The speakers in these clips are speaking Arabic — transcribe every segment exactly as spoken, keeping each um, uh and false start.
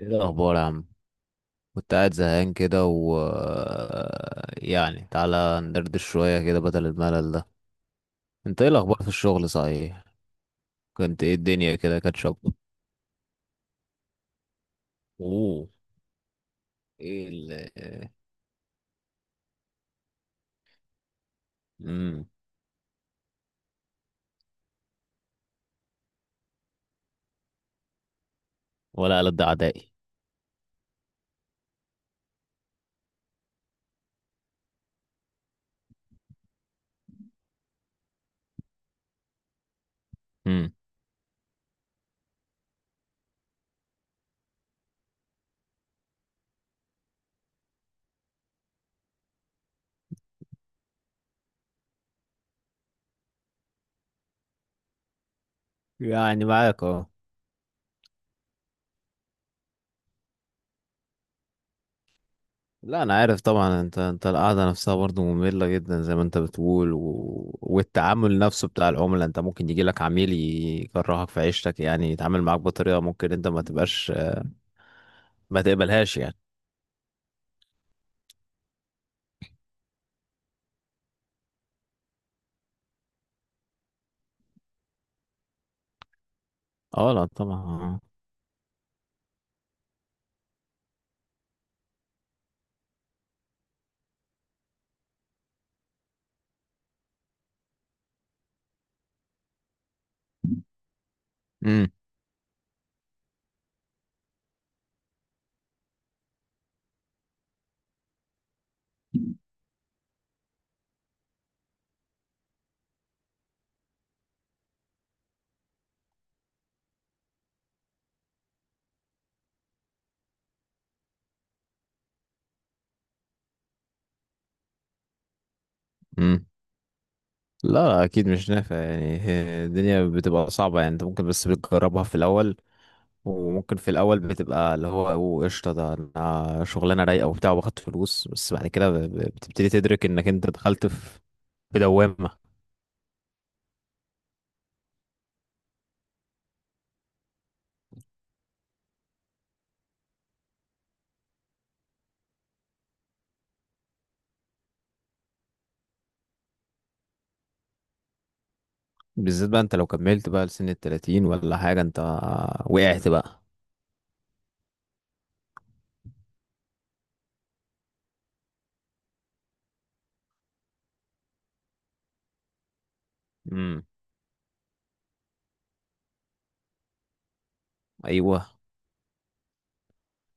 ايه الاخبار يا عم؟ كنت قاعد زهقان كده و يعني تعالى ندردش شويه كده بدل الملل ده. انت ايه الاخبار في الشغل؟ صحيح كنت، ايه الدنيا كده كانت شغل؟ اوه. ايه ال امم ولا ألد اعدائي. امم يعني معاك، اه. لا انا عارف طبعا، انت انت القعده نفسها برضو ممله جدا زي ما انت بتقول، و... والتعامل نفسه بتاع العملاء، انت ممكن يجي لك عميل يكرهك في عيشتك، يعني يتعامل معاك بطريقه ممكن انت ما تبقاش ما تقبلهاش يعني. اه لا طبعا، آه. امم امم لا لا اكيد مش نافع يعني، هي الدنيا بتبقى صعبة يعني، انت ممكن بس بتجربها في الاول، وممكن في الاول بتبقى اللي هو أوه، قشطة ده أنا شغلانة رايقة وبتاع واخد فلوس، بس بعد كده ب- ب- بتبتدي تدرك انك انت دخلت في في دوامة. بالذات بقى انت لو كملت بقى لسن التلاتين ولا حاجة، انت وقعت بقى. امم ايوه،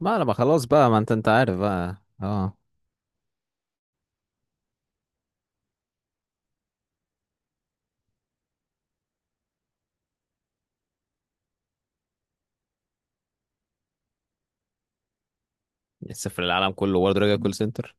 ما لما خلاص بقى، ما انت انت عارف بقى، اه. تسافر العالم كله برضه راجع كول سنتر؟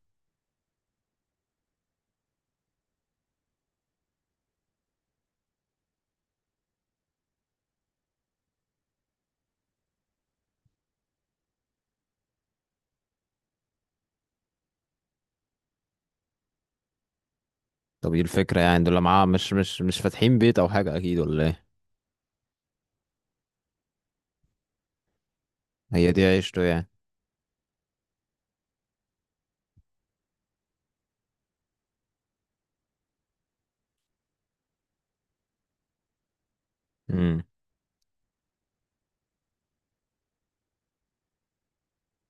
طب ايه الفكرة يعني؟ دول معاه مش مش مش فاتحين بيت او حاجة اكيد، ولا ايه؟ هي دي عيشته يعني؟ امم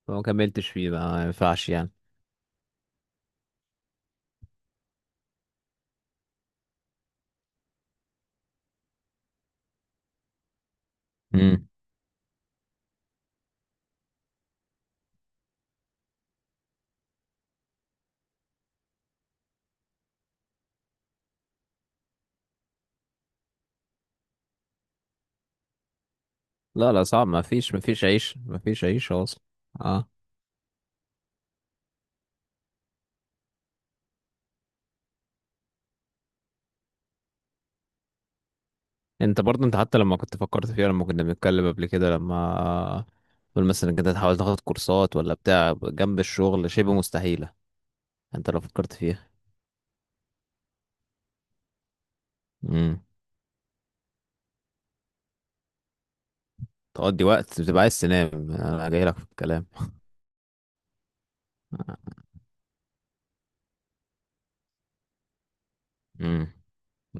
فما كملتش فيه بقى، ما ينفعش يعني. امم لا لا صعب، ما فيش ما فيش عيش، ما فيش عيش اصلا. اه، انت برضه، انت حتى لما كنت فكرت فيها لما كنا بنتكلم قبل كده، لما تقول مثلا انك انت تحاول تاخد كورسات ولا بتاع جنب الشغل، شبه مستحيلة انت لو فكرت فيها. امم تقضي وقت بتبقى عايز تنام، انا جاي لك في الكلام. امم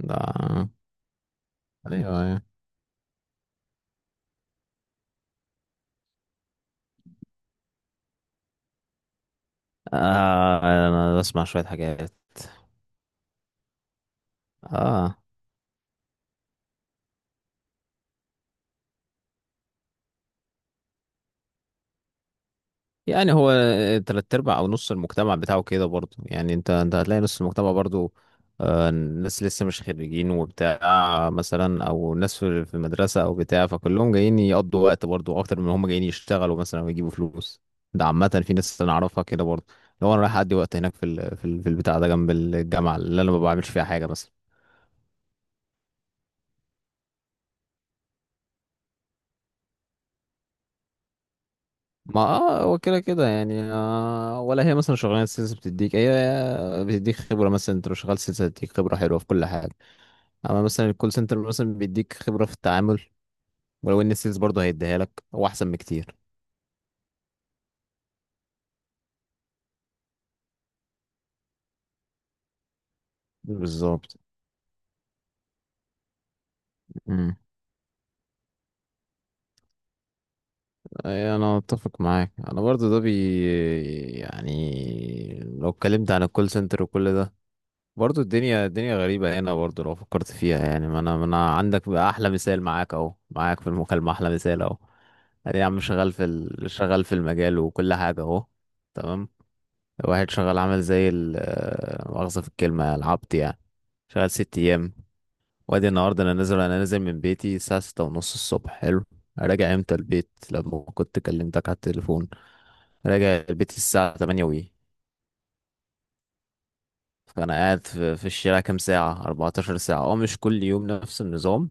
ده ايوه، أيوة. آه. انا بسمع شوية حاجات. اه يعني هو تلات ارباع او نص المجتمع بتاعه كده برضو، يعني انت انت هتلاقي نص المجتمع برضو آه ناس لسه مش خريجين وبتاع مثلا، او ناس في في المدرسة او بتاع، فكلهم جايين يقضوا وقت برضو اكتر من هم جايين يشتغلوا مثلا ويجيبوا فلوس. ده عامة في ناس انا اعرفها كده برضو، لو انا رايح اقضي وقت هناك في ال- في ال- في البتاع ده جنب الجامعة اللي انا ما بعملش فيها حاجة مثلا. ما اه هو كده كده يعني آه، ولا هي مثلا شغلانه السيلز بتديك، هي بتديك خبره مثلا، انت لو شغال سيلز هتديك خبره حلوه في كل حاجه، اما مثلا الكول سنتر مثلا بيديك خبره في التعامل، ولو ان السيلز برضه هيديها لك هو احسن بكتير. بالظبط. امم أي انا اتفق معاك، انا برضه ده بي، يعني لو اتكلمت عن الكول سنتر وكل ده، برضو الدنيا، الدنيا غريبة هنا برضو لو فكرت فيها، يعني ما انا ما انا عندك بقى احلى مثال معاك اهو، معاك في المكالمة احلى مثال اهو. ادي يا عم شغال في ال... شغال في المجال وكل حاجة اهو. تمام. واحد شغال عمل زي ال آه، مؤاخذة في الكلمة، العبط يعني، شغال ست ايام. وادي النهاردة انا نازل انا نازل من بيتي الساعة ستة ونص الصبح، حلو. راجع امتى البيت لما كنت كلمتك على التليفون؟ راجع البيت الساعة تمانية وي فانا قاعد في في الشارع كام ساعه؟ أربعة عشر ساعة ساعه، اه، مش كل يوم نفس النظام،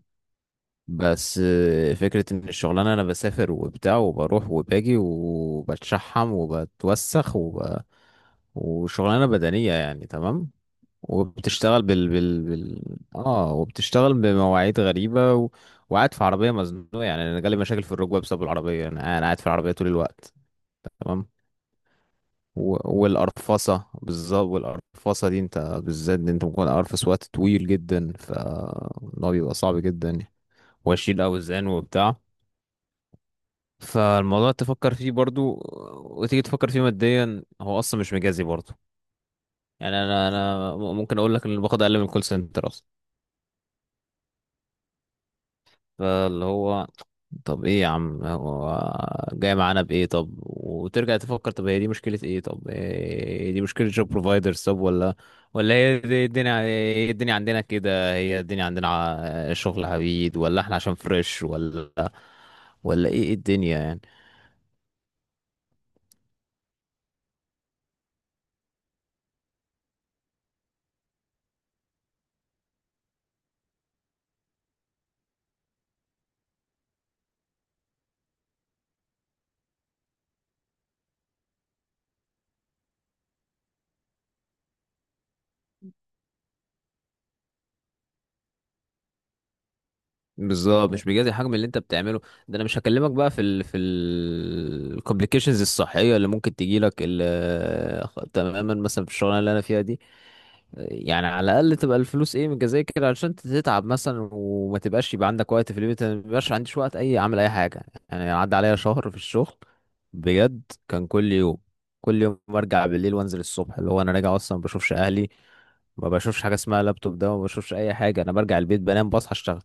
بس آه، فكره ان الشغلانه انا بسافر وبتاع وبروح وباجي وبتشحم وبتوسخ وب... وشغلانه بدنيه يعني. تمام. وبتشتغل بال بال, بال... اه وبتشتغل بمواعيد غريبه و... وقاعد في عربيه مزنوقه، يعني انا جالي مشاكل في الركبه بسبب العربيه، انا أنا قاعد في العربيه طول الوقت. تمام. و- والقرفصة بالظبط، والقرفصة دي انت بالذات دي انت ممكن قرفص وقت طويل جدا، فالموضوع بيبقى صعب جدا. واشيل اوزان وبتاع، فالموضوع تفكر فيه برضو، وتيجي تفكر فيه ماديا هو اصلا مش مجازي برضو. يعني انا انا ممكن اقول لك ان اللي باخد اقل من الكول سنتر اصلا. فاللي هو طب ايه يا عم هو جاي معانا بايه؟ طب وترجع تفكر، طب هي دي مشكلة ايه؟ طب إيه، دي مشكلة جوب بروفايدرز؟ طب ولا، ولا هي دي الدنيا؟ هي الدنيا عندنا كده هي الدنيا عندنا، ع- شغل عبيد، ولا احنا عشان فريش، ولا ولا ايه؟ إيه الدنيا يعني؟ بالظبط مش بيجازي الحجم اللي انت بتعمله. ده انا مش هكلمك بقى في ال في الكومبليكيشنز الصحية اللي ممكن تجيلك ال- تماما مثلا في الشغلانة اللي انا فيها دي. يعني على الاقل تبقى الفلوس ايه متجزيه كده علشان تتعب مثلا وما تبقاش يبقى عندك وقت في البيت، أنا ما بيبقاش عنديش وقت اي اعمل اي حاجه. يعني عدى عليا شهر في الشغل، بجد، كان كل يوم، كل يوم برجع بالليل وانزل الصبح، اللي هو انا راجع اصلا ما بشوفش اهلي، ما بشوفش حاجه اسمها لابتوب، ده ما بشوفش اي حاجه، انا برجع البيت بنام، بصحى اشتغل.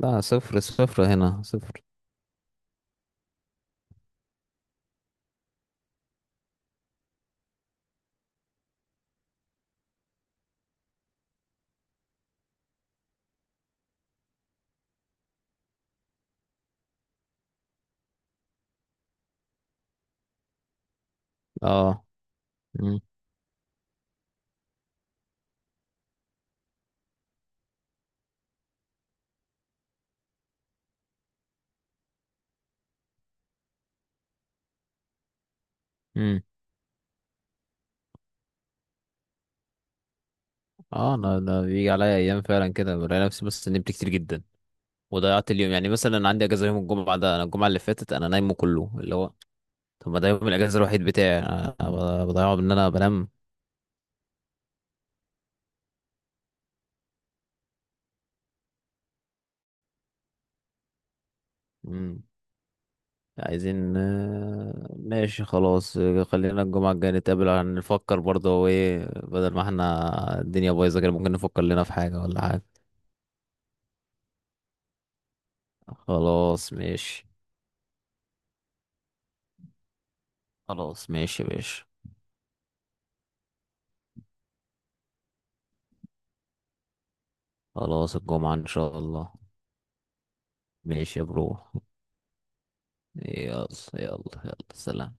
لا، صفر صفر هنا، صفر. اه. امم امم اه انا أنا بيجي عليا ايام فعلا كده بلاقي نفسي بس نمت كتير جدا وضيعت اليوم، يعني مثلا عندي اجازه يوم الجمعه، ده انا الجمعه اللي فاتت انا نايمه كله، اللي هو طب ما ده يوم الاجازه الوحيد بتاعي، انا ب- بضيعه بان انا بنام. مم. عايزين آه، ماشي خلاص، آه، خلينا الجمعه الجايه نتقابل عشان نفكر برضه هو ايه، بدل ما احنا الدنيا بايظه كده ممكن نفكر لنا في حاجه ولا حاجه. خلاص ماشي. خلاص ماشي يا باشا. خلاص الجمعه ان شاء الله. ماشي يا برو. يلا. يلا. يلا سلام.